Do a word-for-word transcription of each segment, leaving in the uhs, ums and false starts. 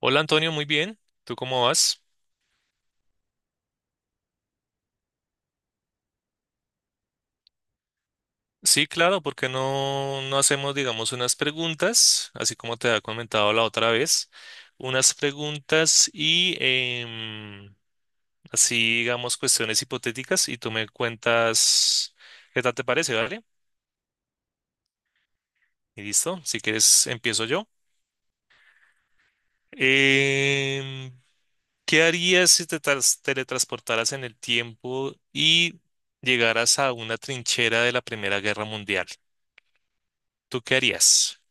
Hola Antonio, muy bien. ¿Tú cómo vas? Sí, claro, porque no, no hacemos, digamos, unas preguntas, así como te había comentado la otra vez, unas preguntas y em, así, digamos, cuestiones hipotéticas y tú me cuentas qué tal te parece, ¿vale? Y listo, si quieres, empiezo yo. Em, ¿qué harías si te tras- teletransportaras en el tiempo y llegaras a una trinchera de la Primera Guerra Mundial? ¿Tú qué harías?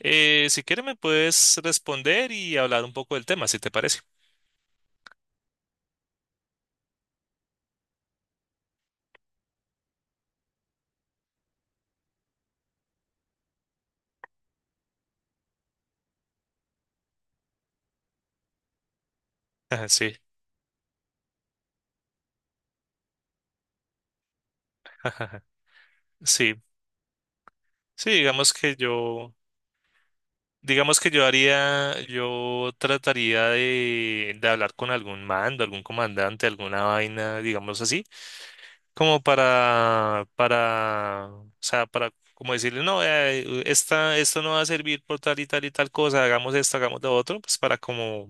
Eh, si quieres me puedes responder y hablar un poco del tema, si te parece. Ajá. Sí, ajá, sí. Sí, digamos que yo, digamos que yo haría, yo trataría de, de hablar con algún mando, algún comandante, alguna vaina, digamos así, como para, para, o sea, para como decirle, no, eh, esta, esto no va a servir por tal y tal y tal cosa, hagamos esto, hagamos lo otro, pues para como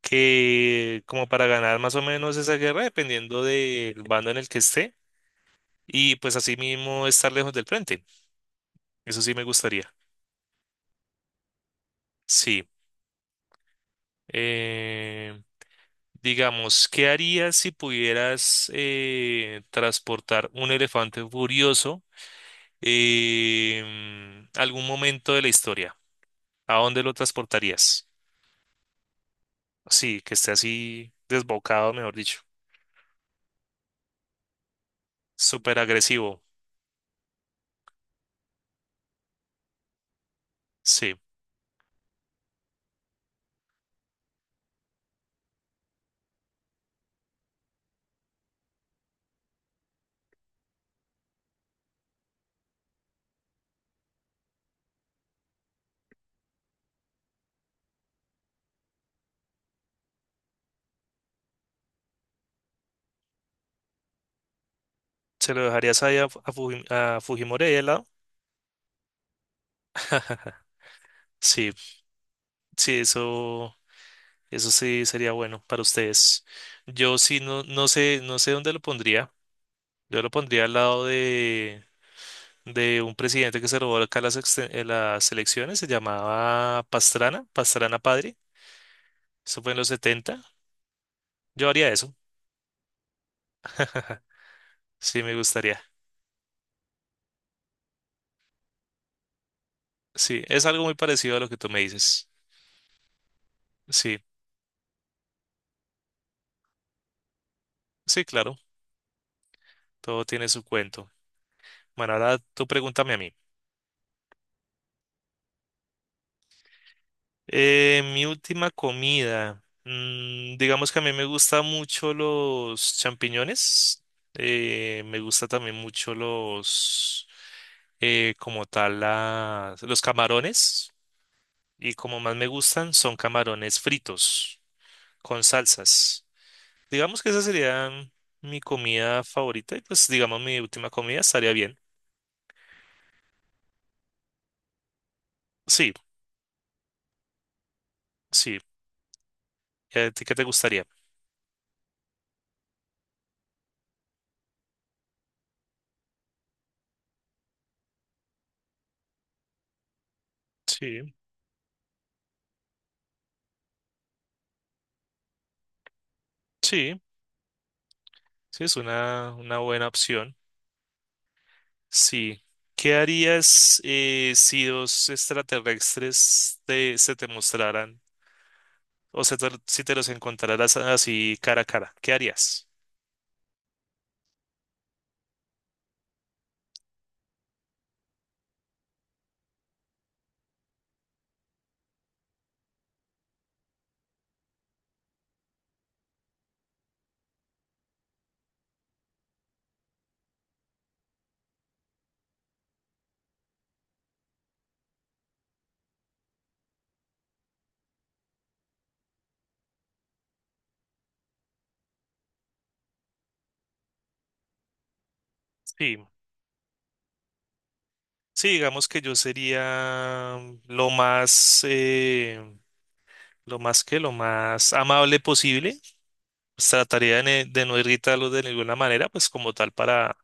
que como para ganar más o menos esa guerra, dependiendo del bando en el que esté, y pues así mismo estar lejos del frente. Eso sí me gustaría. Sí. Eh, digamos, ¿qué harías si pudieras eh, transportar un elefante furioso em, a algún momento de la historia? ¿A dónde lo transportarías? Sí, que esté así desbocado, mejor dicho. Súper agresivo. Sí. ¿Se lo dejarías ahí a, Fu- a Fuji- a Fujimori ahí al lado? Sí. Sí, eso, eso sí sería bueno para ustedes. Yo sí no, no sé, no sé dónde lo pondría. Yo lo pondría al lado de, de un presidente que se robó acá las, exte- eh, las elecciones, se llamaba Pastrana, Pastrana Padre. Eso fue en los setenta. Yo haría eso. Sí, me gustaría. Sí, es algo muy parecido a lo que tú me dices. Sí, sí, claro. Todo tiene su cuento. Bueno, ahora tú pregúntame a mí. Eh, mi última comida. Mm, digamos que a mí me gusta mucho los champiñones. Eh, me gusta también mucho los, eh, como tal, las- los camarones. Y como más me gustan son camarones fritos con salsas. Digamos que esa sería mi comida favorita. Y pues, digamos, mi última comida estaría bien. Sí, sí. ¿Y a ti qué te gustaría? Sí, sí, sí, es una, una buena opción. Sí. ¿Qué harías eh, si dos extraterrestres te- se te mostraran o se te- si te los encontraras así cara a cara? ¿Qué harías? Sí. Sí, digamos que yo sería lo más, eh, lo más que, lo más amable posible. Pues trataría de, ne- de no irritarlos de ninguna manera, pues como tal para,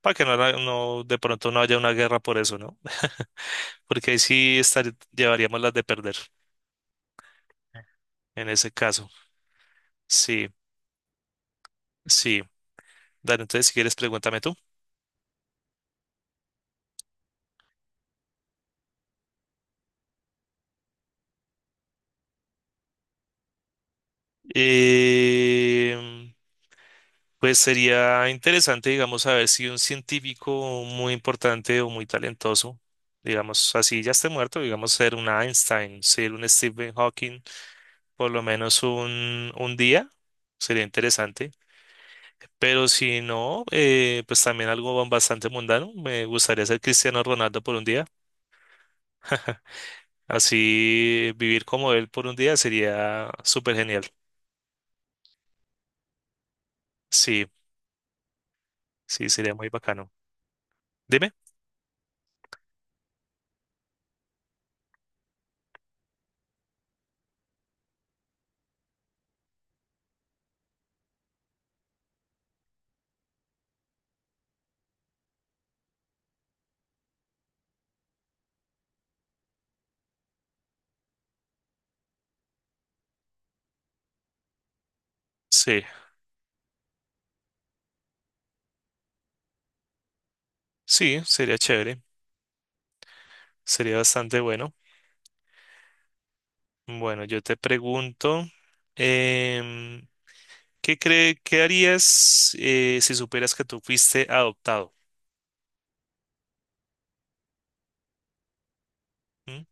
para que no, haga- no, de pronto no haya una guerra por eso, ¿no? Porque ahí sí estar, llevaríamos las de perder en ese caso. Sí, sí. Dale, entonces si quieres, pregúntame tú. Em, pues sería interesante, digamos, saber si un científico muy importante o muy talentoso, digamos, así ya esté muerto, digamos, ser un Einstein, ser un Stephen Hawking, por lo menos un, un día, sería interesante. Pero si no, eh, pues también algo bastante mundano. Me gustaría ser Cristiano Ronaldo por un día. Así vivir como él por un día sería súper genial. Sí, sí, sería muy bacano. Dime. Sí, sí, sería chévere. Sería bastante bueno. Bueno, yo te pregunto, em, ¿qué cree, ¿qué harías eh, si supieras que tú fuiste adoptado? ¿Mm?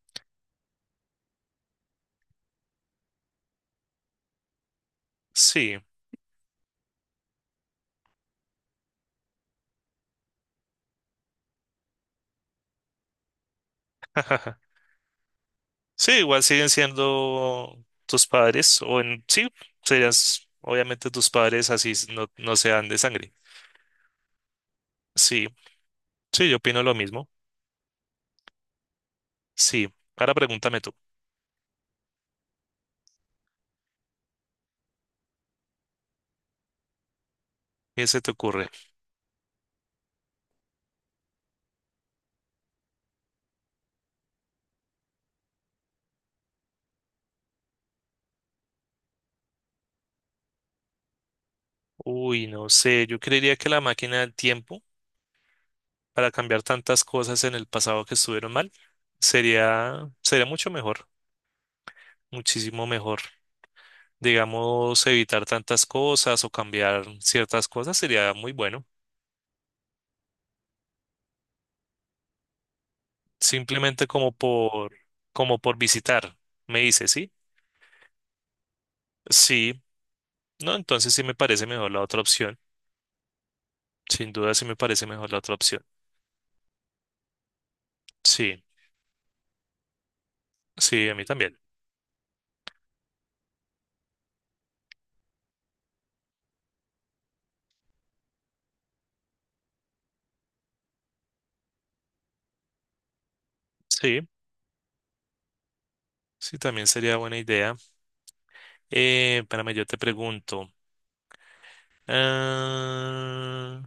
Sí, sí, igual siguen siendo tus padres, o en, sí, serías obviamente tus padres así s- no, no sean de sangre. Sí, sí, yo opino lo mismo. Sí, ahora pregúntame tú, ¿qué se te ocurre? Uy, no sé, yo creería que la máquina del tiempo, para cambiar tantas cosas en el pasado que estuvieron mal, sería, sería mucho mejor, muchísimo mejor. Digamos, evitar tantas cosas o cambiar ciertas cosas sería muy bueno. Simplemente como por, como por visitar, me dice, ¿sí? Sí, no, entonces sí me parece mejor la otra opción. Sin duda sí me parece mejor la otra opción. Sí, sí, a mí también. Sí, sí, también sería buena idea. Eh, espérame, yo te pregunto. ah,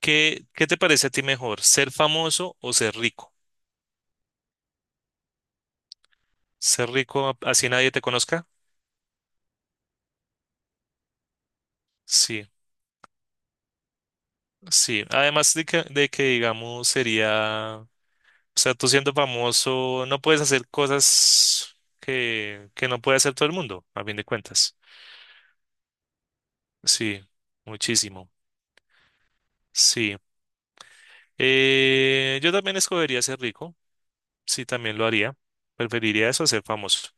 ¿Qué, qué te parece a ti mejor, ser famoso o ser rico? Ser rico, a- así nadie te conozca. Sí, sí. Además de que, de que, digamos, sería, o sea, tú siendo famoso no puedes hacer cosas que, que no puede hacer todo el mundo, a fin de cuentas. Sí, muchísimo. Sí. Eh, yo también escogería ser rico. Sí, también lo haría. Preferiría eso a ser famoso.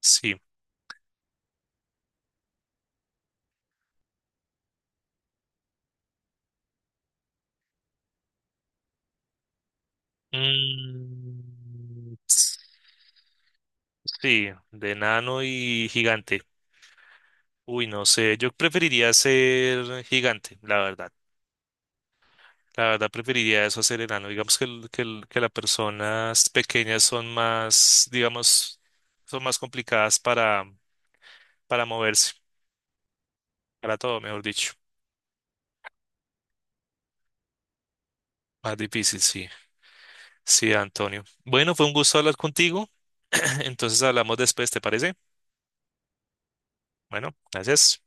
Sí. Mm, sí, de nano y gigante. Uy, no sé, yo preferiría ser gigante, la verdad. La verdad preferiría eso, a ser enano. Digamos que, el- que, el- que las personas pequeñas son más, digamos, son más complicadas para, para moverse, para todo, mejor dicho. Más difícil, sí. Sí, Antonio. Bueno, fue un gusto hablar contigo. Entonces hablamos después, ¿te parece? Bueno, gracias.